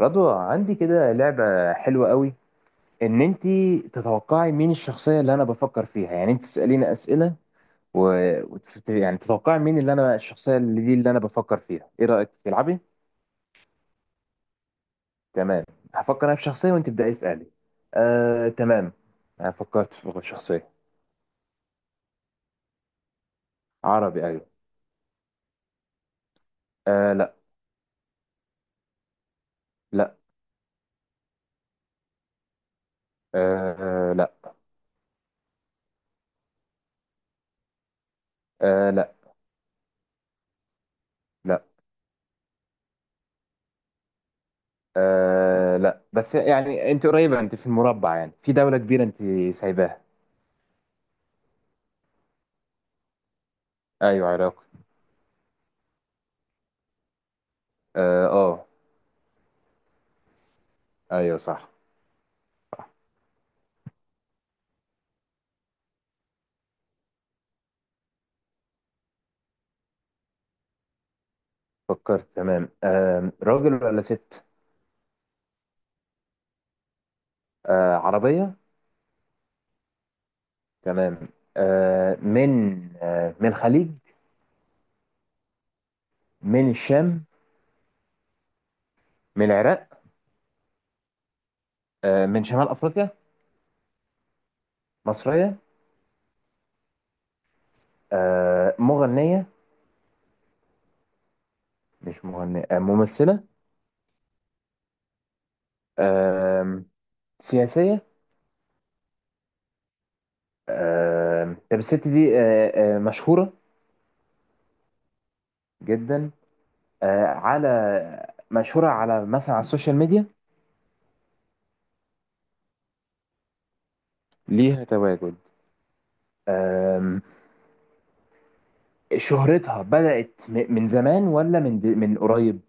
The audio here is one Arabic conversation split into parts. رضوى، عندي كده لعبة حلوة قوي ان انتي تتوقعي مين الشخصية اللي انا بفكر فيها. يعني انت تسأليني اسئلة و... يعني تتوقعي مين اللي انا الشخصية اللي دي اللي انا بفكر فيها. ايه رأيك تلعبي؟ تمام. هفكر انا في شخصية وانت ابدأي اسألي. تمام. انا فكرت في شخصية. عربي، ايوه. لا. لا. لا. لا. لا. لا، بس يعني انت قريبة، انت في المربع، يعني في دولة كبيرة انت سايباها. ايوه، عراقي. اه آه. ايوه صح. فكرت تمام. راجل ولا ست؟ عربية. تمام. آه من من الخليج؟ من الشام؟ من العراق؟ من شمال أفريقيا؟ مصرية؟ مغنية؟ مش مغنية. ممثلة؟ آه سياسية؟ طب الست دي مشهورة؟ جدا. آه على مشهورة على مثلا على السوشيال ميديا؟ ليها تواجد. آه شهرتها بدأت من زمان ولا من قريب؟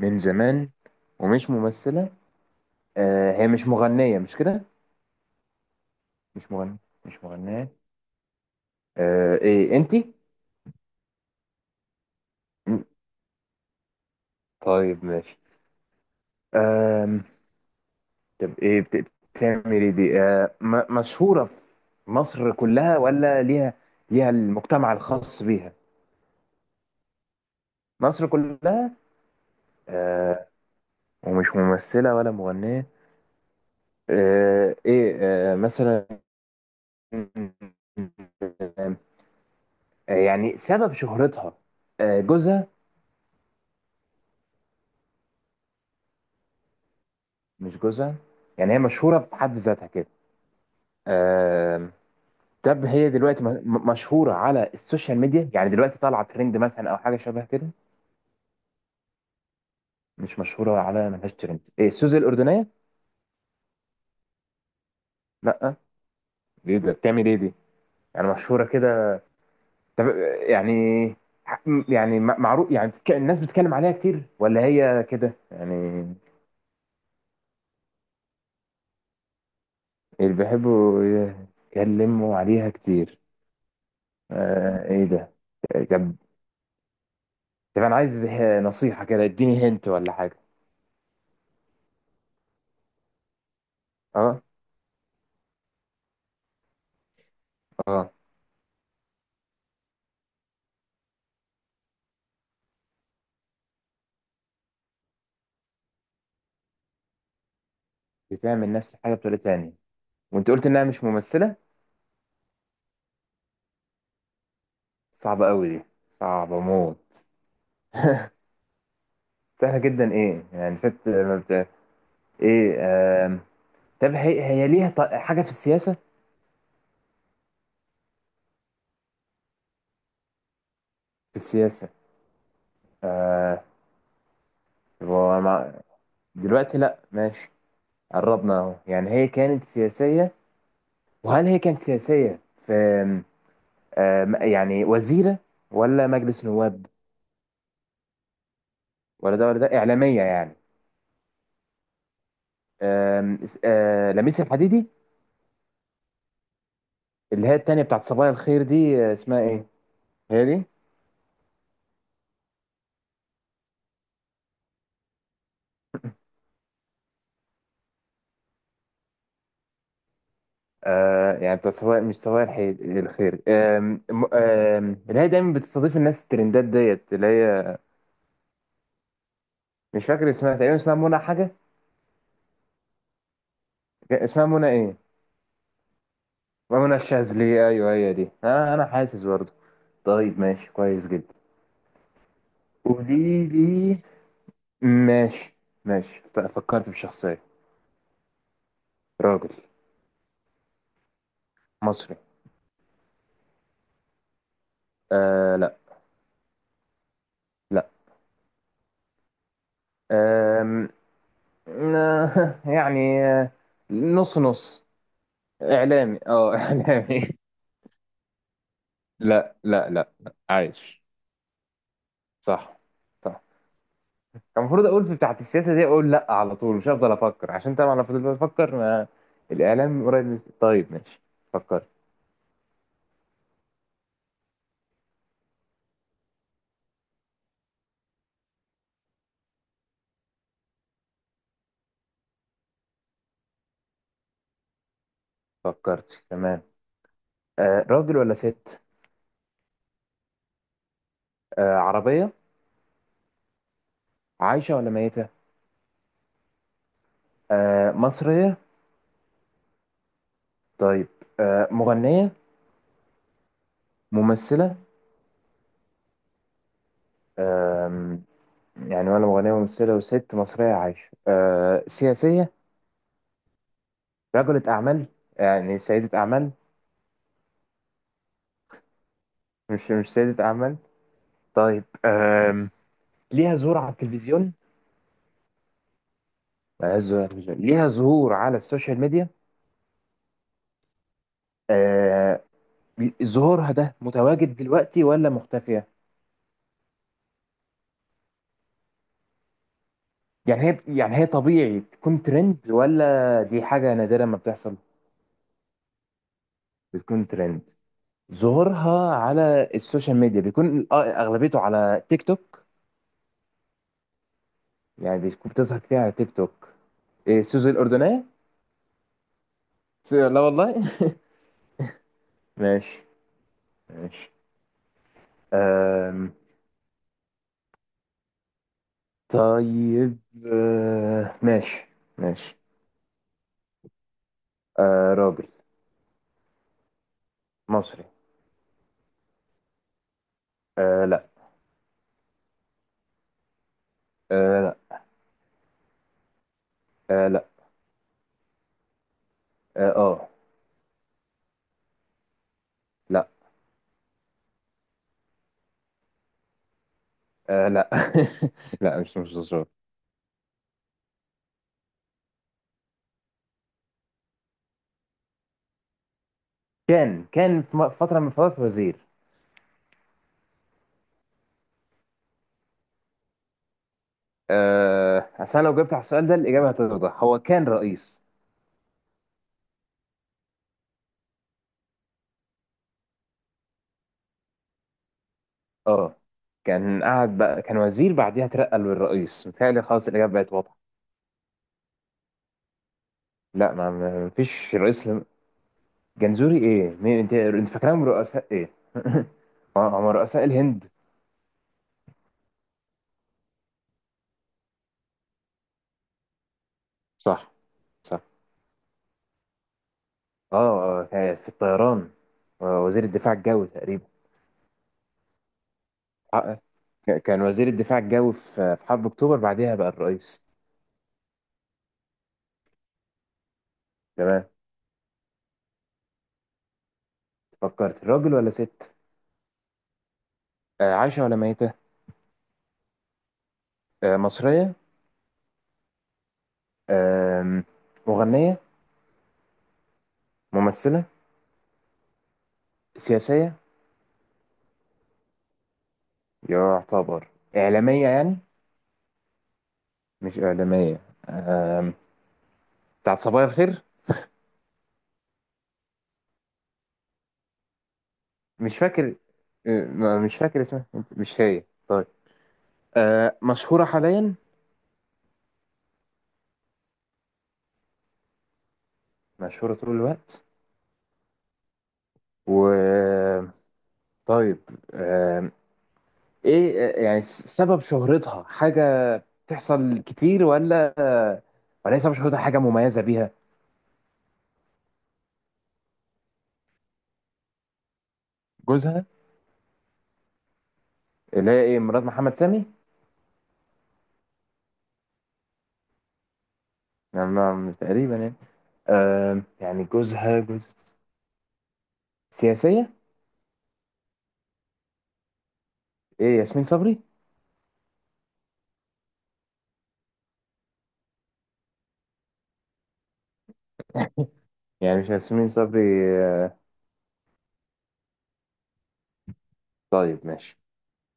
من زمان. ومش ممثلة. هي مش مغنية؟ مش كده؟ مش مغنية. مش مغنية. ايه انتي؟ م- طيب ماشي. آم، طب ايه بتعمل ايه دي؟ مشهورة في مصر كلها ولا ليها المجتمع الخاص بيها؟ مصر كلها. آه ومش ممثلة ولا مغنية. ايه؟ مثلا، يعني سبب شهرتها، جوزها. مش جوزها. يعني هي مشهورة بحد ذاتها كده. آه، طب هي دلوقتي مشهورة على السوشيال ميديا؟ يعني دلوقتي طالعة ترند مثلا أو حاجة شبه كده؟ مش مشهورة على، ملهاش ترند. إيه، سوزي الأردنية؟ لأ. دي بتعمل إيه دي؟ يعني مشهورة كده. طب، يعني ح- يعني معروف، يعني الناس بتتكلم عليها كتير ولا هي كده يعني؟ اللي بيحبوا يتكلموا عليها كتير. إيه ده؟ طب، انا عايز نصيحة كده، اديني هنت ولا حاجة. اه. اه. بتعمل نفس الحاجة بطريقة تانية. وانت قلت انها مش ممثلة. صعبة قوي دي. صعبة موت. سهلة جدا؟ ايه يعني، ست ما بت... ايه؟ آم... طب هي ليها حاجة في السياسة؟ في السياسة. آه... هو مع... دلوقتي لا، ماشي. قربنا اهو. يعني هي كانت سياسية. وهل هي كانت سياسية في، آم... آم، يعني وزيرة ولا مجلس نواب؟ ولا ده ولا ده؟ إعلامية يعني؟ آم، اس- آه، لميس الحديدي؟ اللي هي التانية بتاعت صبايا الخير دي، اسمها ايه؟ هي دي؟ يعني بتاعت صبايا، مش صبايا الخير، آم، م- آم، اللي هي دايما بتستضيف الناس الترندات ديت اللي هي. مش فاكر اسمها. تقريبا اسمها منى حاجة. اسمها منى ايه؟ منى الشاذلي، ايوه هي دي. انا حاسس برضه. طيب ماشي، كويس جدا. قولي لي. ماشي. ماشي فكرت في شخصية. راجل. مصري. لا. لا. يعني نص نص. اعلامي. اه اعلامي. لا لا لا لا. عايش. صح. صح. كان المفروض اقول في بتاعت السياسه دي اقول لا على طول. مش هفضل افكر عشان طبعا لو فضلت افكر، ما الاعلام قريب من. طيب ماشي. فكرت. فكرت تمام. راجل ولا ست؟ عربيه؟ عايشه ولا ميته؟ مصريه؟ طيب. مغنيه؟ ممثله؟ آه يعني ولا مغنية وممثلة، وست مصرية عايشة. سياسية؟ رجلة أعمال، يعني سيدة أعمال؟ مش سيدة أعمال. طيب. ليها ظهور على التلفزيون؟ ظهور على التلفزيون، ليها ظهور على السوشيال ميديا. آه ظهورها ده متواجد دلوقتي ولا مختفية؟ يعني هي طبيعي تكون ترند ولا دي حاجة نادرة ما بتحصل؟ بتكون ترند. ظهورها على السوشيال ميديا بيكون، أغلبيته على تيك توك. يعني بتكون بتظهر كتير على تيك توك. إيه، سوزو الأردنية؟ سوزو- لا والله. ماشي. ماشي. أم... طيب. ماشي. ماشي. راجل. مصري. لا. أه... لا. لا. أه... آه. لا. لا. لا. مش مصري. كان في فترة من الفترات وزير. أصل أنا لو جبت على السؤال ده الإجابة هتوضح هو كان رئيس. اه. كان قاعد بقى، كان وزير بعديها اترقى للرئيس، متهيألي خلاص الإجابة بقت واضحة. لا. مفيش رئيس. جنزوري ايه؟ مين؟ انت فاكرهم رؤساء ايه؟ هم رؤساء الهند. صح. صح. اه، في الطيران. وزير الدفاع الجوي تقريبا. آه، كان وزير الدفاع الجوي في حرب اكتوبر، بعدها بقى الرئيس. تمام. فكرت. راجل ولا ست؟ عايشة ولا ميتة؟ مصرية؟ آم، مغنية؟ ممثلة؟ سياسية؟ يعتبر. إعلامية يعني؟ مش إعلامية. آم، بتاعت صبايا الخير. مش فاكر. مش فاكر اسمها. انت- مش هي؟ طيب. مشهورة حاليا. مشهورة طول الوقت. و. طيب. آه ايه؟ يعني سبب شهرتها حاجة بتحصل كتير ولا هي سبب شهرتها حاجة مميزة بيها؟ جوزها. اللي هي ايه، مرات محمد سامي؟ نعم، تقريبا يعني. يعني جوزها جوز. سياسية. ايه، ياسمين صبري؟ يعني مش ياسمين صبري. آه طيب ماشي.